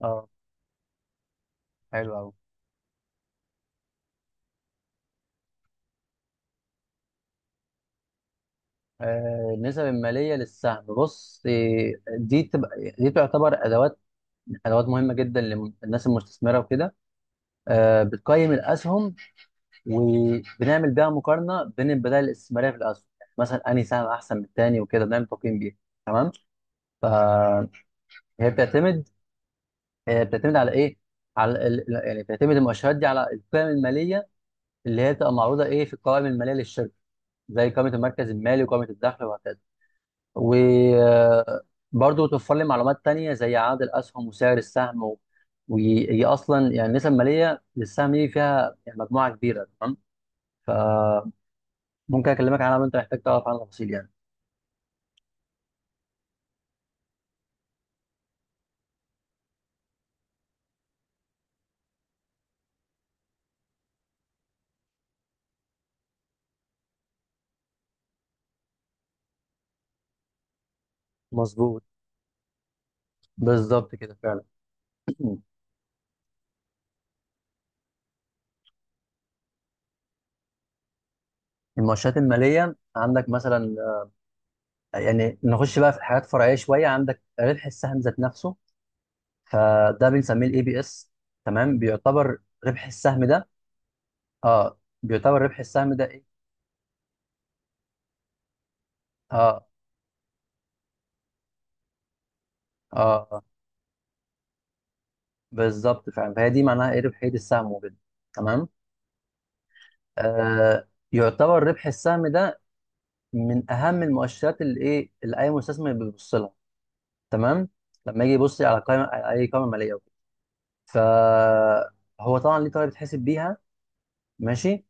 اه، حلو قوي. النسب الماليه للسهم، بص، دي تبقى دي تعتبر ادوات مهمه جدا للناس المستثمره وكده. بتقيم الاسهم، وبنعمل بيها مقارنه بين البدائل الاستثماريه في الاسهم، يعني مثلا انهي سهم احسن من التاني، وكده بنعمل تقييم بيها. تمام. فهي بتعتمد بتعتمد على ايه؟ على يعني بتعتمد المؤشرات دي على القيم الماليه، اللي هي بتبقى معروضه، ايه، في القوائم الماليه للشركه، زي قائمه المركز المالي وقائمه الدخل وهكذا. وبرضه توفر لي معلومات تانية زي عدد الأسهم وسعر السهم وهي أصلا يعني النسب المالية للسهم دي فيها يعني مجموعة كبيرة. تمام، فممكن أكلمك عنها لو أنت محتاج تعرف عنها تفاصيل يعني. مظبوط، بالظبط كده فعلا. المؤشرات المالية عندك مثلا، يعني نخش بقى في حاجات فرعية شوية. عندك ربح السهم ذات نفسه، فده بنسميه الاي بي اس. تمام، بيعتبر ربح السهم ده. اه، بيعتبر ربح السهم ده ايه؟ اه، اه، بالظبط فعلا. فهي دي معناها ايه؟ ربحيه السهم وكده. تمام. يعتبر ربح السهم ده من اهم المؤشرات اللي، ايه، اللي اي مستثمر بيبص لها. تمام، لما يجي يبص على قائمه، اي قائمه ماليه وكده. فهو طبعا ليه طريقه بتحسب بيها. ماشي،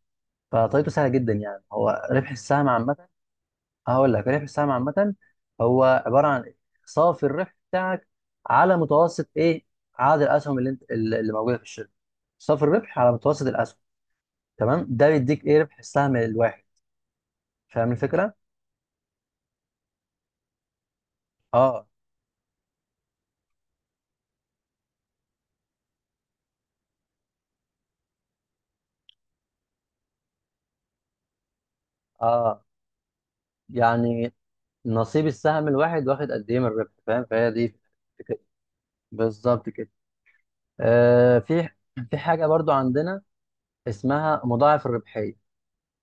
فطريقته سهله جدا. يعني هو ربح السهم عامه، هقول لك ربح السهم عامه هو عباره عن صافي الربح بتاعك، على متوسط، ايه، عدد الاسهم اللي انت اللي اللي موجوده في الشركه. صافي الربح على متوسط الاسهم. تمام، ده بيديك، ايه، ربح السهم الواحد. فاهم الفكره؟ اه، اه، يعني نصيب السهم الواحد واخد قد ايه من الربح. فاهم؟ فهي دي فكرة. بالظبط كده. آه في في حاجه برضو عندنا اسمها مضاعف الربحيه.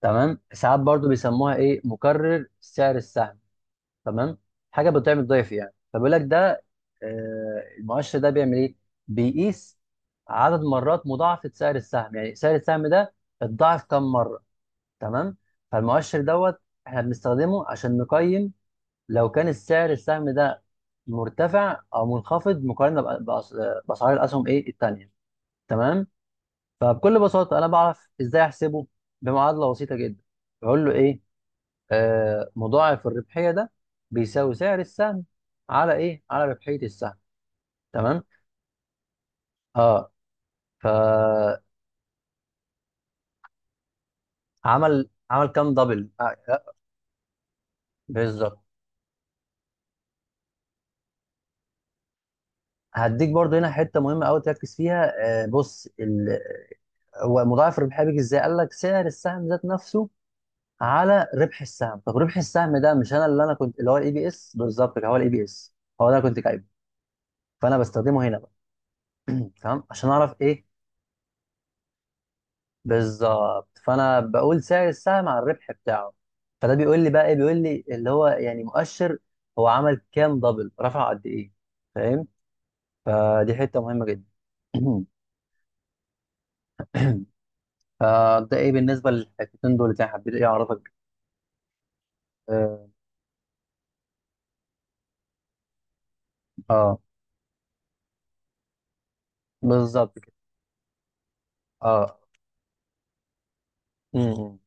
تمام، ساعات برضو بيسموها، ايه، مكرر سعر السهم. تمام، حاجه بتعمل ضعف يعني. فبيقول لك ده، المؤشر ده بيعمل ايه؟ بيقيس عدد مرات مضاعفه سعر السهم، يعني سعر السهم ده اتضاعف كم مره. تمام، فالمؤشر دوت احنا بنستخدمه عشان نقيم لو كان السعر السهم ده مرتفع او منخفض، مقارنه باسعار الاسهم، ايه، التانيه. تمام، فبكل بساطه انا بعرف ازاي احسبه، بمعادله بسيطه جدا. بقول له ايه؟ مضاعف الربحيه ده بيساوي سعر السهم على، ايه، على ربحيه السهم. تمام. اه، فعمل عمل كام دبل؟ لا، بالظبط. هديك برضو هنا حته مهمه قوي تركز فيها. بص، ومضاعف ربحيه بيجي ازاي؟ قال لك سعر السهم ذات نفسه على ربح السهم. طب ربح السهم ده مش انا كنت اللي هو الاي بي اس. بالظبط كده، هو الاي بي اس، هو ده انا كنت جايبه. فانا بستخدمه هنا بقى. تمام، عشان اعرف ايه بالظبط. فانا بقول سعر السهم على الربح بتاعه. فده بيقول لي بقى ايه؟ بيقول لي اللي هو يعني مؤشر، هو عمل كام دبل، رفع قد ايه. فاهم؟ فدي حته مهمه جدا. فده ايه بالنسبه للحتتين دول اللي انا حبيت، ايه، اعرفك. اه، آه، بالظبط كده. اه، م- م.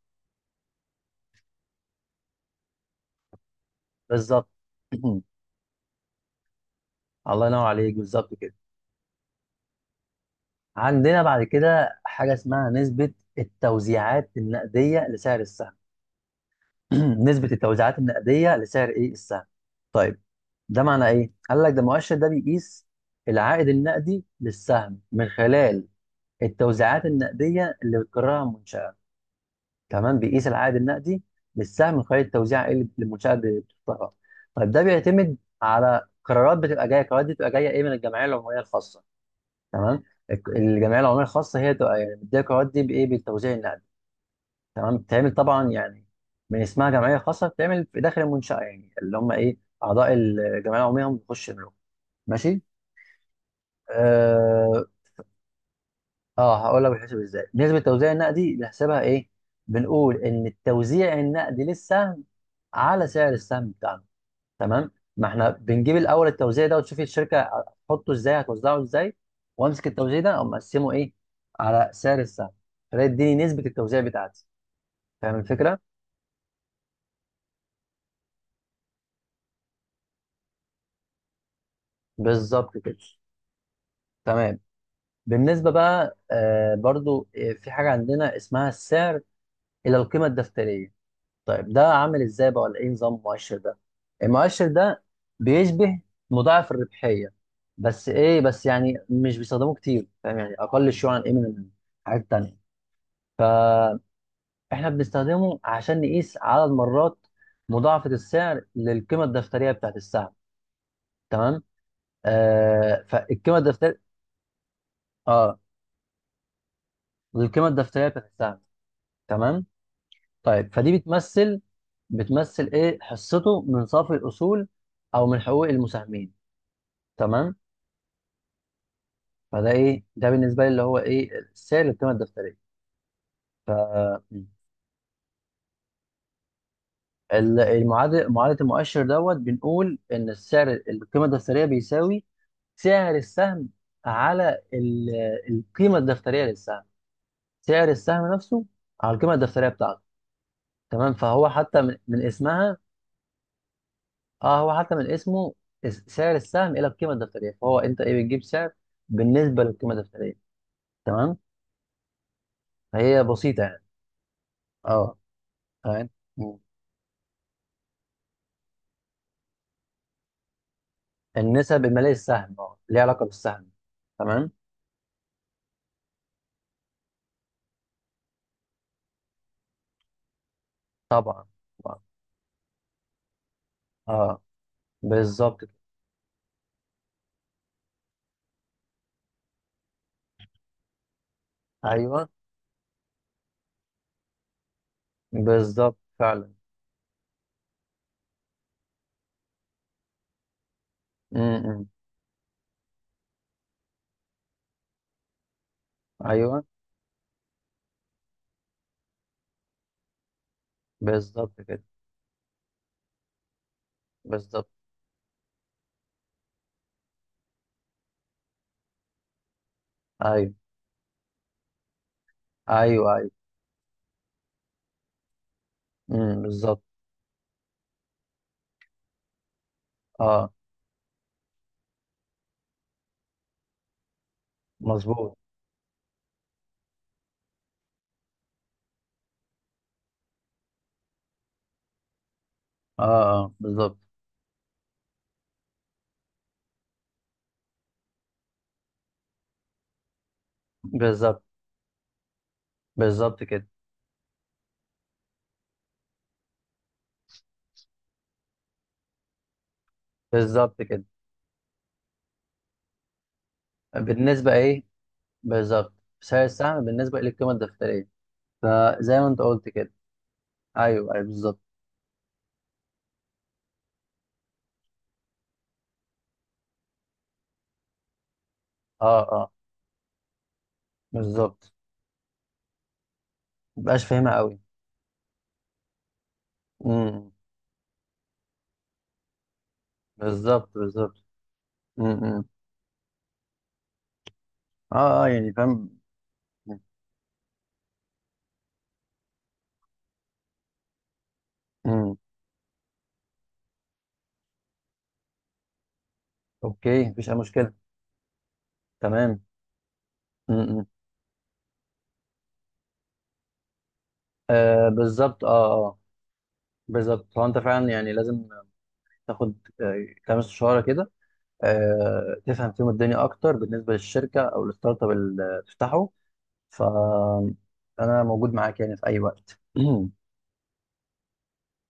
بالظبط. الله ينور عليك، بالظبط كده. عندنا بعد كده حاجه اسمها نسبه التوزيعات النقديه لسعر السهم. نسبه التوزيعات النقديه لسعر، ايه، السهم. طيب، ده معنى ايه؟ قال لك، ده المؤشر ده بيقيس العائد النقدي للسهم من خلال التوزيعات النقديه اللي بتكررها المنشاه. تمام، بيقيس العائد النقدي للسهم من خلال التوزيع اللي المنشاه بتختارها. طيب ده بيعتمد على قرارات بتبقى جايه، قرارات دي بتبقى جايه، ايه، من الجمعيه العموميه الخاصه. تمام، الجمعيه العموميه الخاصه هي تبقى يعني بتدير القرارات دي بايه؟ بالتوزيع النقدي. تمام، بتتعمل طبعا، يعني من اسمها جمعيه خاصه بتتعمل في داخل المنشاه، يعني اللي هم، ايه، اعضاء الجمعيه العموميه هم بيخشوا يملكوا. ماشي. اه، هقول لك بيتحسب ازاي. نسبه التوزيع النقدي بنحسبها ايه؟ بنقول ان التوزيع النقدي للسهم على سعر السهم بتاعنا. تمام، ما احنا بنجيب الاول التوزيع ده، وتشوفي الشركه هتحطه ازاي، هتوزعه ازاي، وامسك التوزيع ده او مقسمه، ايه، على سعر السهم. فده يديني نسبه التوزيع بتاعتي. فاهم الفكره؟ بالظبط كده. تمام. بالنسبه بقى برضو، في حاجه عندنا اسمها السعر الى القيمه الدفتريه. طيب ده عامل ازاي بقى؟ ولا ايه نظام المؤشر ده؟ المؤشر ده بيشبه مضاعف الربحيه، بس، ايه، بس يعني مش بيستخدموه كتير. فاهم؟ يعني اقل شيوعا ايه من الحاجات التانيه. احنا بنستخدمه عشان نقيس عدد مرات مضاعفة السعر للقيمة الدفترية بتاعت السهم. تمام. فالقيمة الدفترية، اه، للقيمة الدفترية بتاعت السهم. تمام. طيب، فدي بتمثل، ايه، حصته من صافي الاصول، او من حقوق المساهمين. تمام. فده ايه ده بالنسبة لي، اللي هو ايه؟ السعر للقيمة الدفترية. ال- المعادل معادله المؤشر دوت، بنقول ان السعر القيمه الدفتريه بيساوي سعر السهم على القيمه الدفتريه للسهم. سعر السهم نفسه على القيمه الدفتريه بتاعته. تمام، فهو حتى من اسمها. اه، هو حتى من اسمه، سعر السهم الى القيمه الدفتريه. فهو انت، ايه، بتجيب سعر بالنسبه للقيمه الدفتريه. تمام، فهي بسيطه يعني. اه. تمام. مم. النسب الماليه للسهم اه ليها علاقه بالسهم. تمام. طبعا، طبعاً. اه، بالظبط. ايوه، بالظبط فعلا. امم. ايوه، بالظبط كده. بالظبط. ايوه، ايوه، ايوه. امم، بالظبط. اه، مظبوط. اه، اه، بالظبط، بالظبط. بالظبط كده، بالظبط كده. بالنسبه ايه؟ بالظبط، سعر السهم بالنسبه للقيمه الدفتريه. فزي ما انت قلت كده. ايوه، ايوه، بالظبط. اه، اه، بالظبط. مبقاش فاهمها قوي. امم، بالظبط، بالظبط. امم. امم. اه، اه، يعني فاهم. امم. اوكي، مفيش اي مشكله. تمام. امم. امم. بالظبط، اه، اه، بالظبط. هو انت فعلا يعني لازم تاخد كام استشاره كده، تفهم فيهم الدنيا اكتر بالنسبه للشركه او الستارت اب اللي تفتحه. فانا موجود معاك يعني في اي وقت.